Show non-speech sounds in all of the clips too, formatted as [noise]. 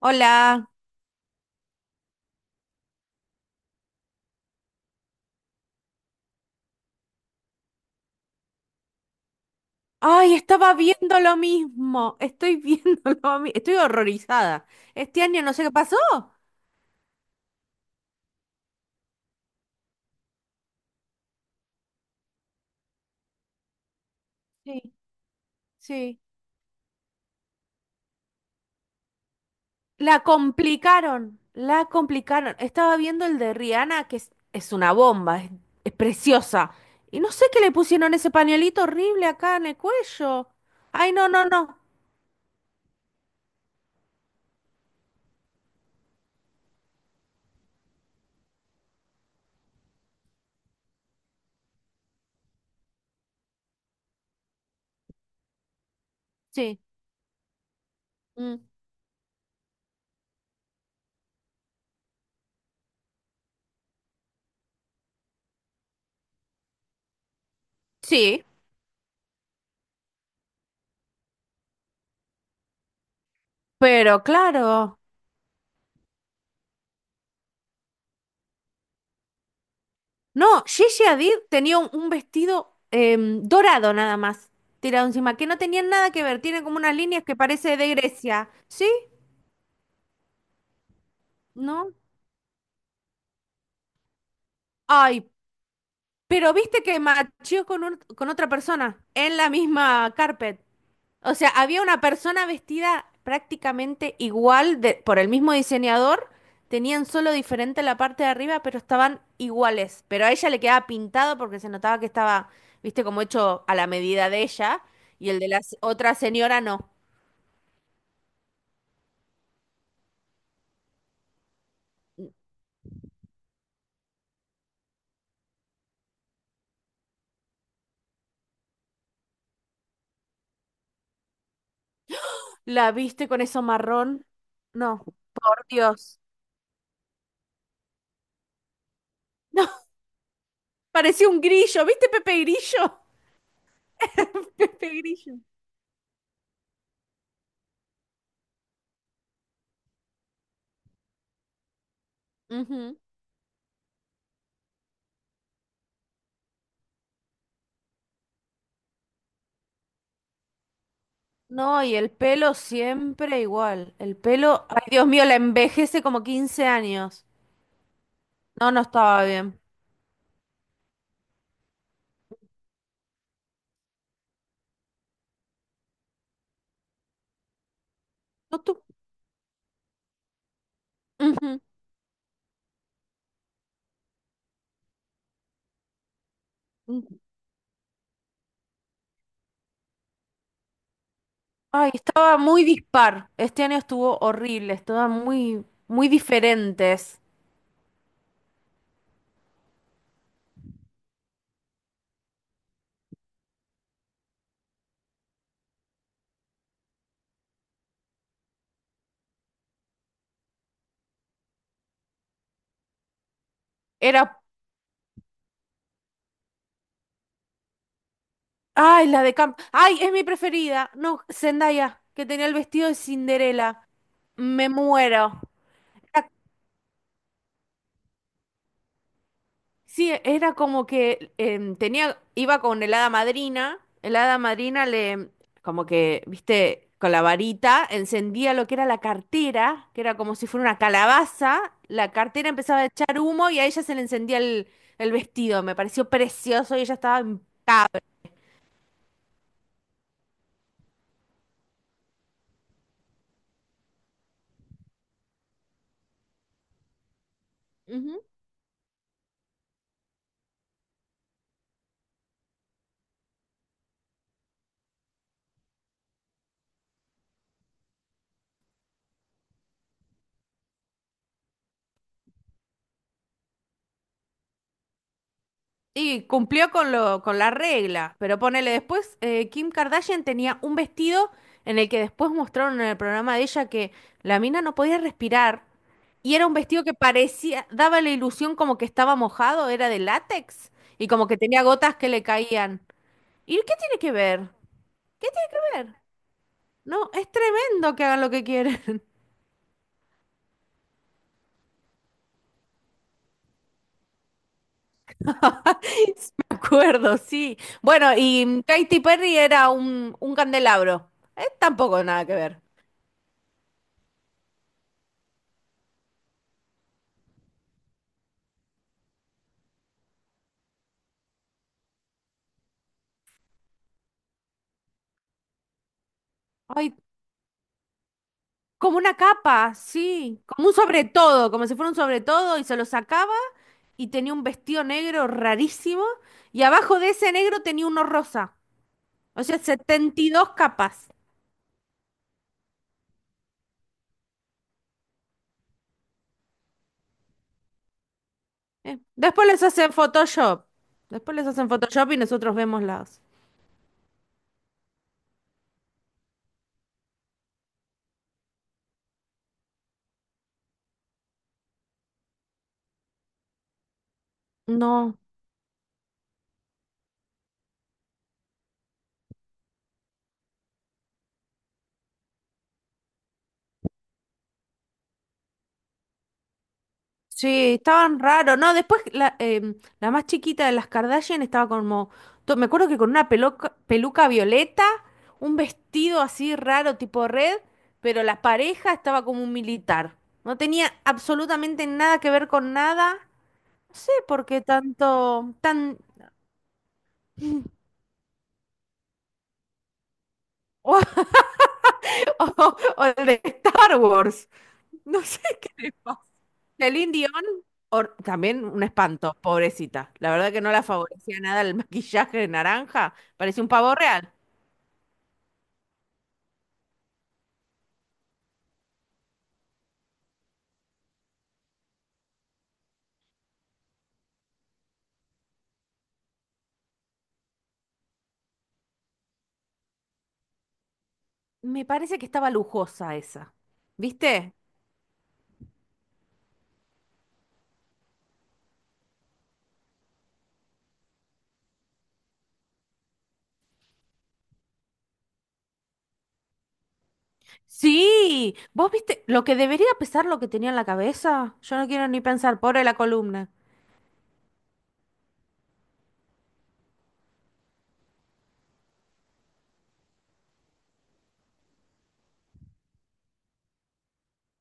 Hola. Ay, estaba viendo lo mismo. Estoy viendo [laughs] lo mismo. Estoy horrorizada. Este año no sé qué pasó. Sí, sí. La complicaron. La complicaron. Estaba viendo el de Rihanna, que es una bomba. Es preciosa. Y no sé qué le pusieron ese pañuelito horrible acá en el cuello. Ay, no, no, no. Sí. Mm. Sí, pero claro. No, Gigi Hadid tenía un vestido dorado nada más, tirado encima, que no tenía nada que ver, tiene como unas líneas que parece de Grecia. ¿Sí? ¿No? Ay, pero viste que machió con, con otra persona en la misma carpet. O sea, había una persona vestida prácticamente igual por el mismo diseñador, tenían solo diferente la parte de arriba, pero estaban iguales. Pero a ella le quedaba pintado porque se notaba que estaba, viste, como hecho a la medida de ella, y el de la otra señora no. ¿La viste con eso marrón? No, por Dios. [laughs] No, parecía un grillo, ¿viste Pepe Grillo? [laughs] Pepe Grillo. Ujú. No, y el pelo siempre igual. El pelo, ay Dios mío, la envejece como 15 años. No, no estaba bien. No tu- Ujú. Ay, estaba muy dispar. Este año estuvo horrible, estaban muy, muy diferentes. Era, ay, la de Camp. Ay, es mi preferida. No, Zendaya, que tenía el vestido de Cinderela. Me muero. Sí, era como que tenía, iba con el hada madrina le, como que, viste, con la varita encendía lo que era la cartera, que era como si fuera una calabaza, la cartera empezaba a echar humo y a ella se le encendía el vestido, me pareció precioso y ella estaba en- Ujú. Y cumplió con lo, con la regla, pero ponele después, Kim Kardashian tenía un vestido en el que después mostraron en el programa de ella que la mina no podía respirar y era un vestido que parecía, daba la ilusión como que estaba mojado, era de látex y como que tenía gotas que le caían. ¿Y qué tiene que ver? A ver, no, es tremendo que hagan lo que quieren. [laughs] Sí, me acuerdo, sí. Bueno, y Katy Perry era un candelabro. Tampoco nada que ver. Ay, como una capa, sí, como un sobre todo, como si fuera un sobre todo y se lo sacaba y tenía un vestido negro rarísimo y abajo de ese negro tenía uno rosa, o sea, 72 capas. Después les hacen Photoshop, después les hacen Photoshop y nosotros vemos las... No. Sí, estaban raros. No, después la, la más chiquita de las Kardashian estaba como. Me acuerdo que con una peluca, peluca violeta, un vestido así raro, tipo red, pero la pareja estaba como un militar. No tenía absolutamente nada que ver con nada. No sé por qué tanto. Tan. [laughs] O, o el de Star Wars. No sé qué le pasa. Celine Dion, también un espanto, pobrecita. La verdad que no la favorecía nada el [laughs] maquillaje de naranja, parecía un pavo real. Me parece que estaba lujosa esa. ¿Viste? Sí, vos viste lo que debería pesar lo que tenía en la cabeza. Yo no quiero ni pensar, pobre la columna.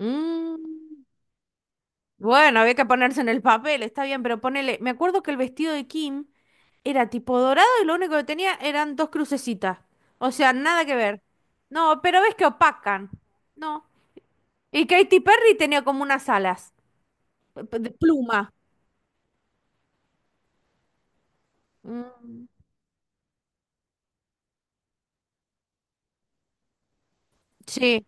Mm. Bueno, había que ponerse en el papel, está bien, pero ponele. Me acuerdo que el vestido de Kim era tipo dorado y lo único que tenía eran dos crucecitas. O sea, nada que ver. No, pero ves que opacan. No. Y Katy Perry tenía como unas alas de pluma. Mm, sí.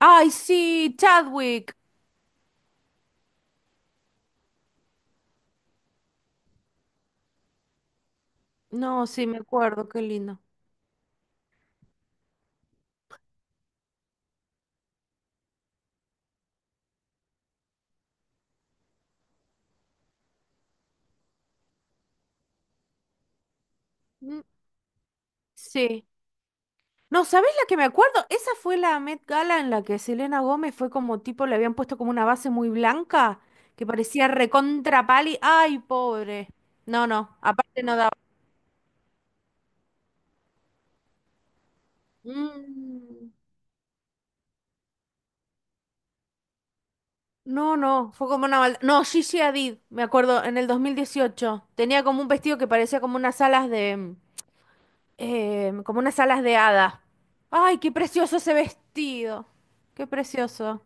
Ay, sí, Chadwick. No, sí, me acuerdo, qué lindo. Mm, sí. No, ¿sabés la que me acuerdo? Esa fue la Met Gala en la que Selena Gómez fue como tipo, le habían puesto como una base muy blanca, que parecía recontra pali. ¡Ay, pobre! No, no, aparte no daba. Mm, no, no, fue como una maldad. No, Gigi Hadid, me acuerdo, en el 2018. Tenía como un vestido que parecía como unas alas de... como unas alas de hada. ¡Ay, qué precioso ese vestido! ¡Qué precioso!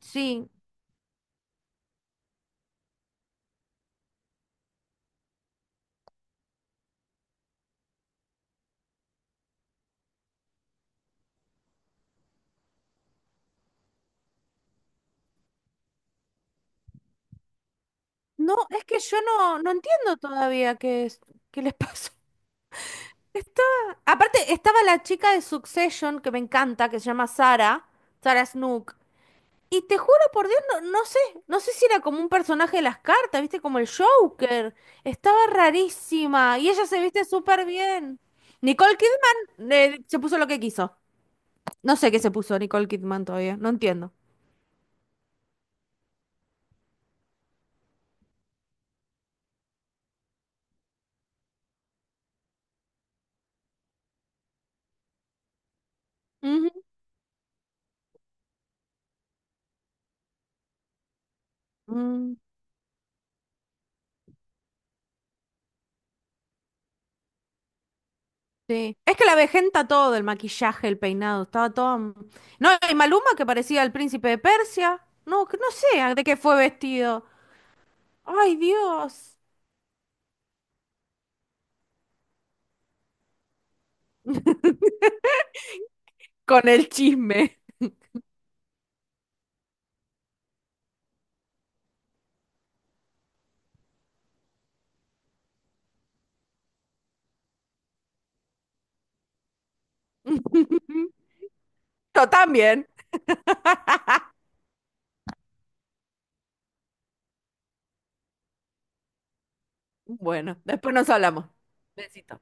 Sí, no, es que yo no, no entiendo todavía qué es, qué les [laughs] pasó. Está, aparte, estaba la chica de Succession que me encanta, que se llama Sara, Sara Snook. Y te juro por Dios, no, no sé, no sé si era como un personaje de las cartas, viste, como el Joker. Estaba rarísima y ella se viste súper bien. Nicole Kidman se puso lo que quiso. No sé qué se puso Nicole Kidman todavía, no entiendo. Ujú. Mm. Sí. Es que la vejenta todo, el maquillaje, el peinado, estaba todo... No, y Maluma que parecía el príncipe de Persia. No, que no sé de qué fue vestido. Ay, Dios. Con el chisme. [laughs] Yo también. Bueno, después nos hablamos. Besito.